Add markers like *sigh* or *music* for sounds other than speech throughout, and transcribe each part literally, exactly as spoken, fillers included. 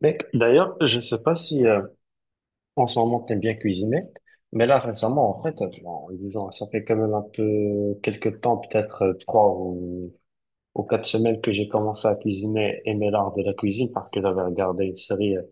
Mais d'ailleurs, je ne sais pas si euh, en ce moment t'aimes bien cuisiner, mais là récemment, en fait, euh, bon, disons, ça fait quand même un peu quelques temps, peut-être euh, trois ou aux quatre semaines que j'ai commencé à cuisiner, aimer l'art de la cuisine parce que j'avais regardé une série euh,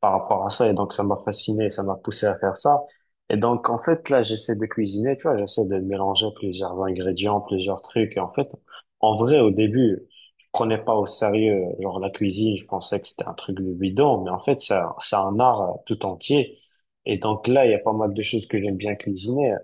par rapport à ça et donc ça m'a fasciné, ça m'a poussé à faire ça. Et donc, en fait, là, j'essaie de cuisiner, tu vois, j'essaie de mélanger plusieurs ingrédients, plusieurs trucs. Et en fait, en vrai, au début, je prenais pas au sérieux, genre la cuisine, je pensais que c'était un truc de bidon, mais en fait, c'est un c'est un art euh, tout entier. Et donc là, il y a pas mal de choses que j'aime bien cuisiner.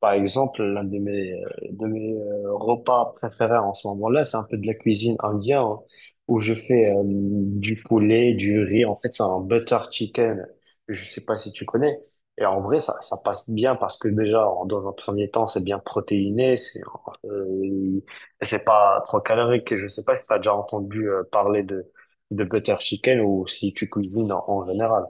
Par exemple, l'un de mes de mes euh, repas préférés en ce moment-là, c'est un peu de la cuisine indienne hein, où je fais euh, du poulet, du riz. En fait, c'est un butter chicken. Je sais pas si tu connais. Et en vrai, ça, ça passe bien parce que déjà, en- dans un premier temps, c'est bien protéiné. C'est euh, euh, c'est pas trop calorique. Je sais pas si tu as déjà entendu euh, parler de, de butter chicken ou si tu cuisines en, en général.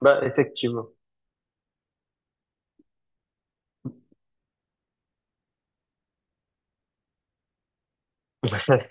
Bah, effectivement. *laughs*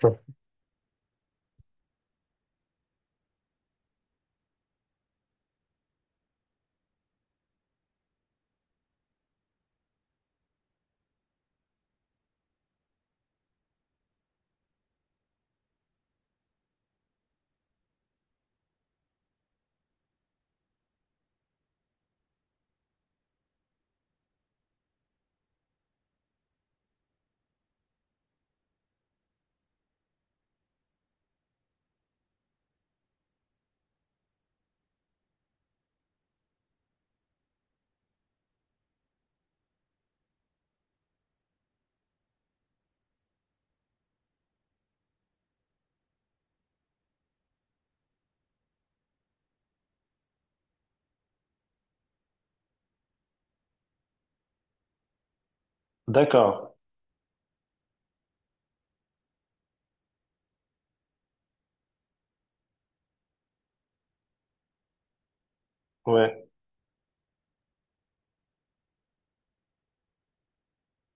D'accord. Ouais.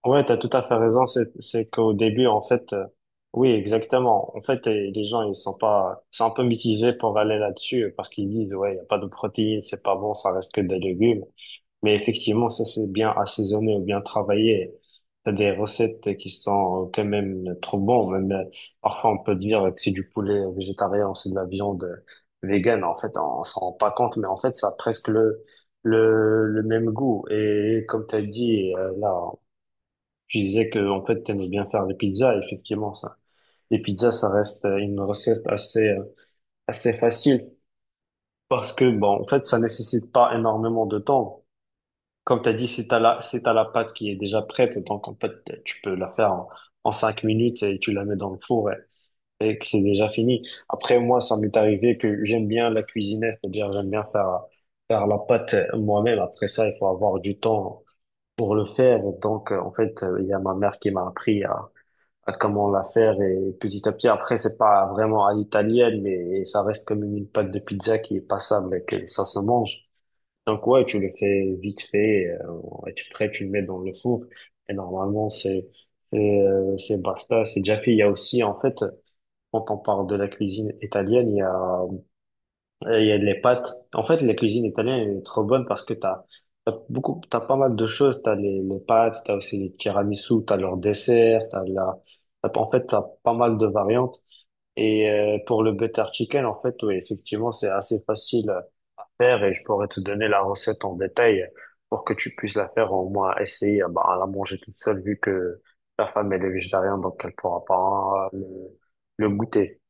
Ouais, t'as tout à fait raison. C'est, c'est qu'au début, en fait, euh, oui, exactement. En fait, eh, les gens, ils sont pas, ils sont un peu mitigés pour aller là-dessus euh, parce qu'ils disent, ouais, il y a pas de protéines, c'est pas bon, ça reste que des légumes. Mais effectivement, ça, c'est bien assaisonné ou bien travaillé. T'as des recettes qui sont euh, quand même trop bonnes. Même, euh, parfois, on peut dire que c'est du poulet végétarien, c'est de la viande euh, végane. En fait, on s'en rend pas compte, mais en fait, ça a presque le, le, le même goût. Et comme t'as dit, euh, là, tu disais que en fait t'aimes bien faire des pizzas, effectivement ça. Les pizzas ça reste euh, une recette assez euh, assez facile parce que bon en fait ça nécessite pas énormément de temps. Comme t'as dit, si t'as la si t'as la pâte qui est déjà prête, donc en fait tu peux la faire en, en cinq minutes et tu la mets dans le four et, et que c'est déjà fini. Après moi ça m'est arrivé que j'aime bien la cuisiner, c'est-à-dire j'aime bien faire faire la pâte moi-même. Après ça il faut avoir du temps pour le faire, donc euh, en fait euh, il y a ma mère qui m'a appris à à comment la faire, et petit à petit après c'est pas vraiment à l'italienne, mais ça reste comme une pâte de pizza qui est passable et que ça se mange, donc ouais tu le fais vite fait, euh, et tu prêt tu le mets dans le four et normalement c'est c'est euh, c'est basta, c'est déjà fait. Il y a aussi en fait, quand on parle de la cuisine italienne, il y a euh, il y a les pâtes. En fait, la cuisine italienne est trop bonne parce que t'as, t'as beaucoup, t'as pas mal de choses. T'as les, les pâtes, t'as aussi les tiramisu, t'as leurs desserts, t'as la, t'as- en fait, t'as pas mal de variantes. Et euh, pour le butter chicken, en fait, oui, effectivement, c'est assez facile à faire et je pourrais te donner la recette en détail pour que tu puisses la faire, au moins essayer bah, à la manger toute seule vu que ta femme elle est végétarienne, donc elle pourra pas euh, le, le goûter.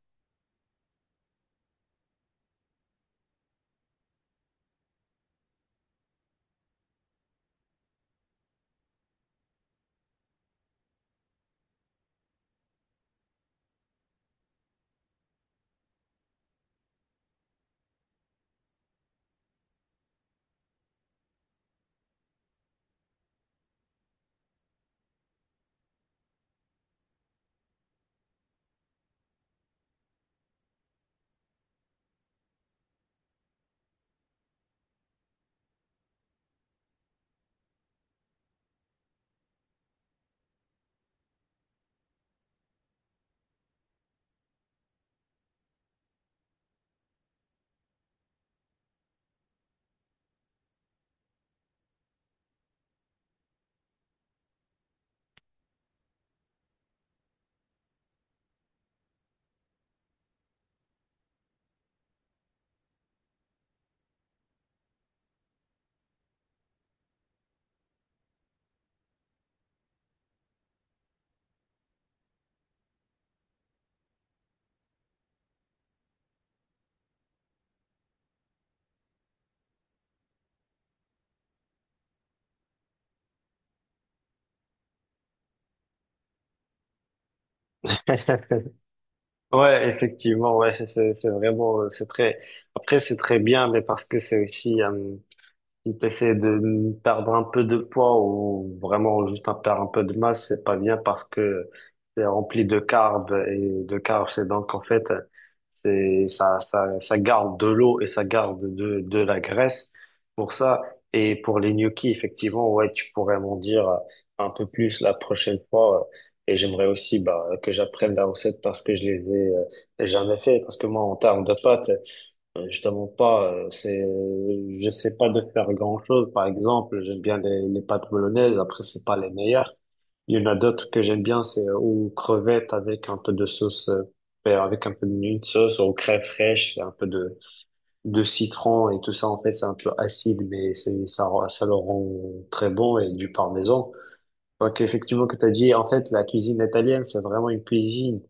*laughs* Ouais, effectivement, ouais, c'est c'est c'est vraiment euh, c'est très après c'est très bien mais, parce que c'est aussi euh, si t'essaies de perdre un peu de poids ou vraiment juste un perdre un peu de masse, c'est pas bien parce que c'est rempli de carbs, et de carbs, c'est donc en fait, c'est, ça, ça, ça garde de l'eau et ça garde de, de la graisse pour ça. Et pour les gnocchis, effectivement, ouais, tu pourrais m'en dire euh, un peu plus la prochaine fois. euh, Et j'aimerais aussi, bah, que j'apprenne la recette parce que je les ai euh, jamais fait. Parce que moi, en termes de pâtes, euh, justement pas, euh, c'est, euh, j'essaie pas de faire grand-chose. Par exemple, j'aime bien les, les pâtes bolognaises. Après, c'est pas les meilleures. Il y en a d'autres que j'aime bien, c'est euh, aux crevettes avec un peu de sauce, euh, euh, avec un peu d'une sauce, aux craies fraîches, un peu de, de citron et tout ça. En fait, c'est un peu acide, mais c'est, ça, rend- ça le rend très bon, et du parmesan. Donc, effectivement, que t'as dit, en fait, la cuisine italienne, c'est vraiment une cuisine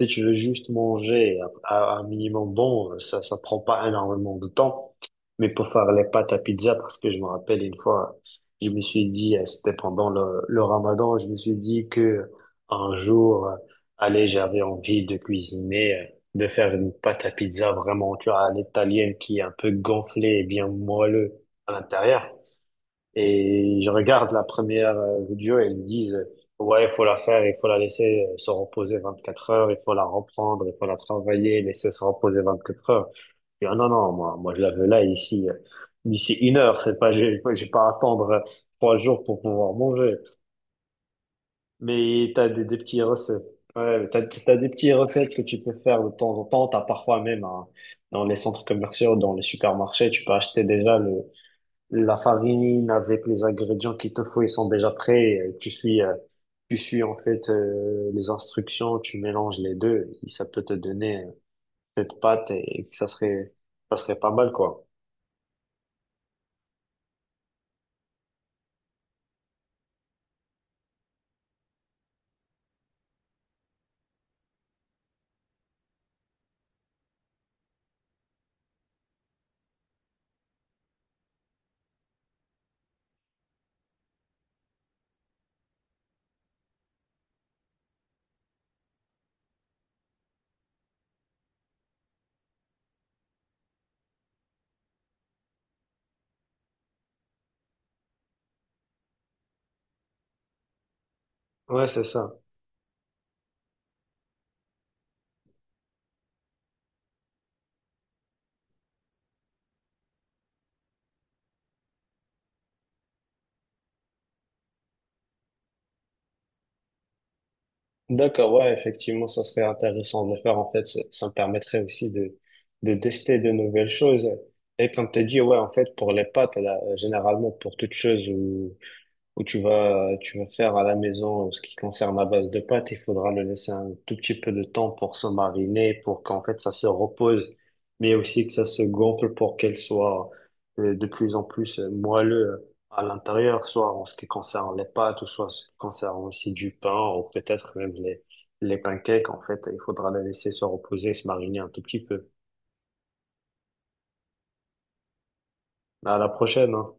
si tu veux juste manger à, à un minimum bon, ça, ça prend pas énormément de temps. Mais pour faire les pâtes à pizza, parce que je me rappelle une fois, je me suis dit, euh, c'était pendant le, le Ramadan, je me suis dit que un jour, euh, allez, j'avais envie de cuisiner, euh, de faire une pâte à pizza vraiment, tu vois, à l'italienne qui est un peu gonflée et bien moelleux à l'intérieur. Et je regarde la première euh, vidéo et ils disent, euh, ouais, il faut la faire, il faut la laisser euh, se reposer vingt-quatre heures, il faut la reprendre, il faut la travailler, laisser se reposer vingt-quatre heures. Je dis, ah, non, non, moi, moi, je la veux là, ici, euh, d'ici une heure, c'est pas, *laughs* j'ai j'ai pas à attendre euh, trois jours pour pouvoir manger. Mais t'as des, des petits recettes. Ouais, t'as, t'as des petites recettes que tu peux faire de temps en temps. T'as parfois même un- dans les centres commerciaux, dans les supermarchés, tu peux acheter déjà le, la farine avec les ingrédients qu'il te faut, ils sont déjà prêts. Et tu suis, euh, tu suis en fait euh, les instructions, tu mélanges les deux. Et ça peut te donner euh, cette pâte et et ça serait, ça serait pas mal quoi. Ouais, c'est ça. D'accord, ouais, effectivement, ça serait intéressant de le faire. En fait, ça, ça me permettrait aussi de, de tester de nouvelles choses. Et comme tu as dit, ouais, en fait, pour les pâtes, là, généralement, pour toute chose où où tu vas, tu vas faire à la maison euh, ce qui concerne la base de pâte, il faudra le laisser un tout petit peu de temps pour se mariner, pour qu'en fait ça se repose, mais aussi que ça se gonfle pour qu'elle soit euh, de plus en plus euh, moelleux euh, à l'intérieur, soit en ce qui concerne les pâtes, ou soit en ce qui concerne aussi du pain, ou peut-être même les, les pancakes, en fait, il faudra les laisser se reposer, se mariner un tout petit peu. À la prochaine, hein.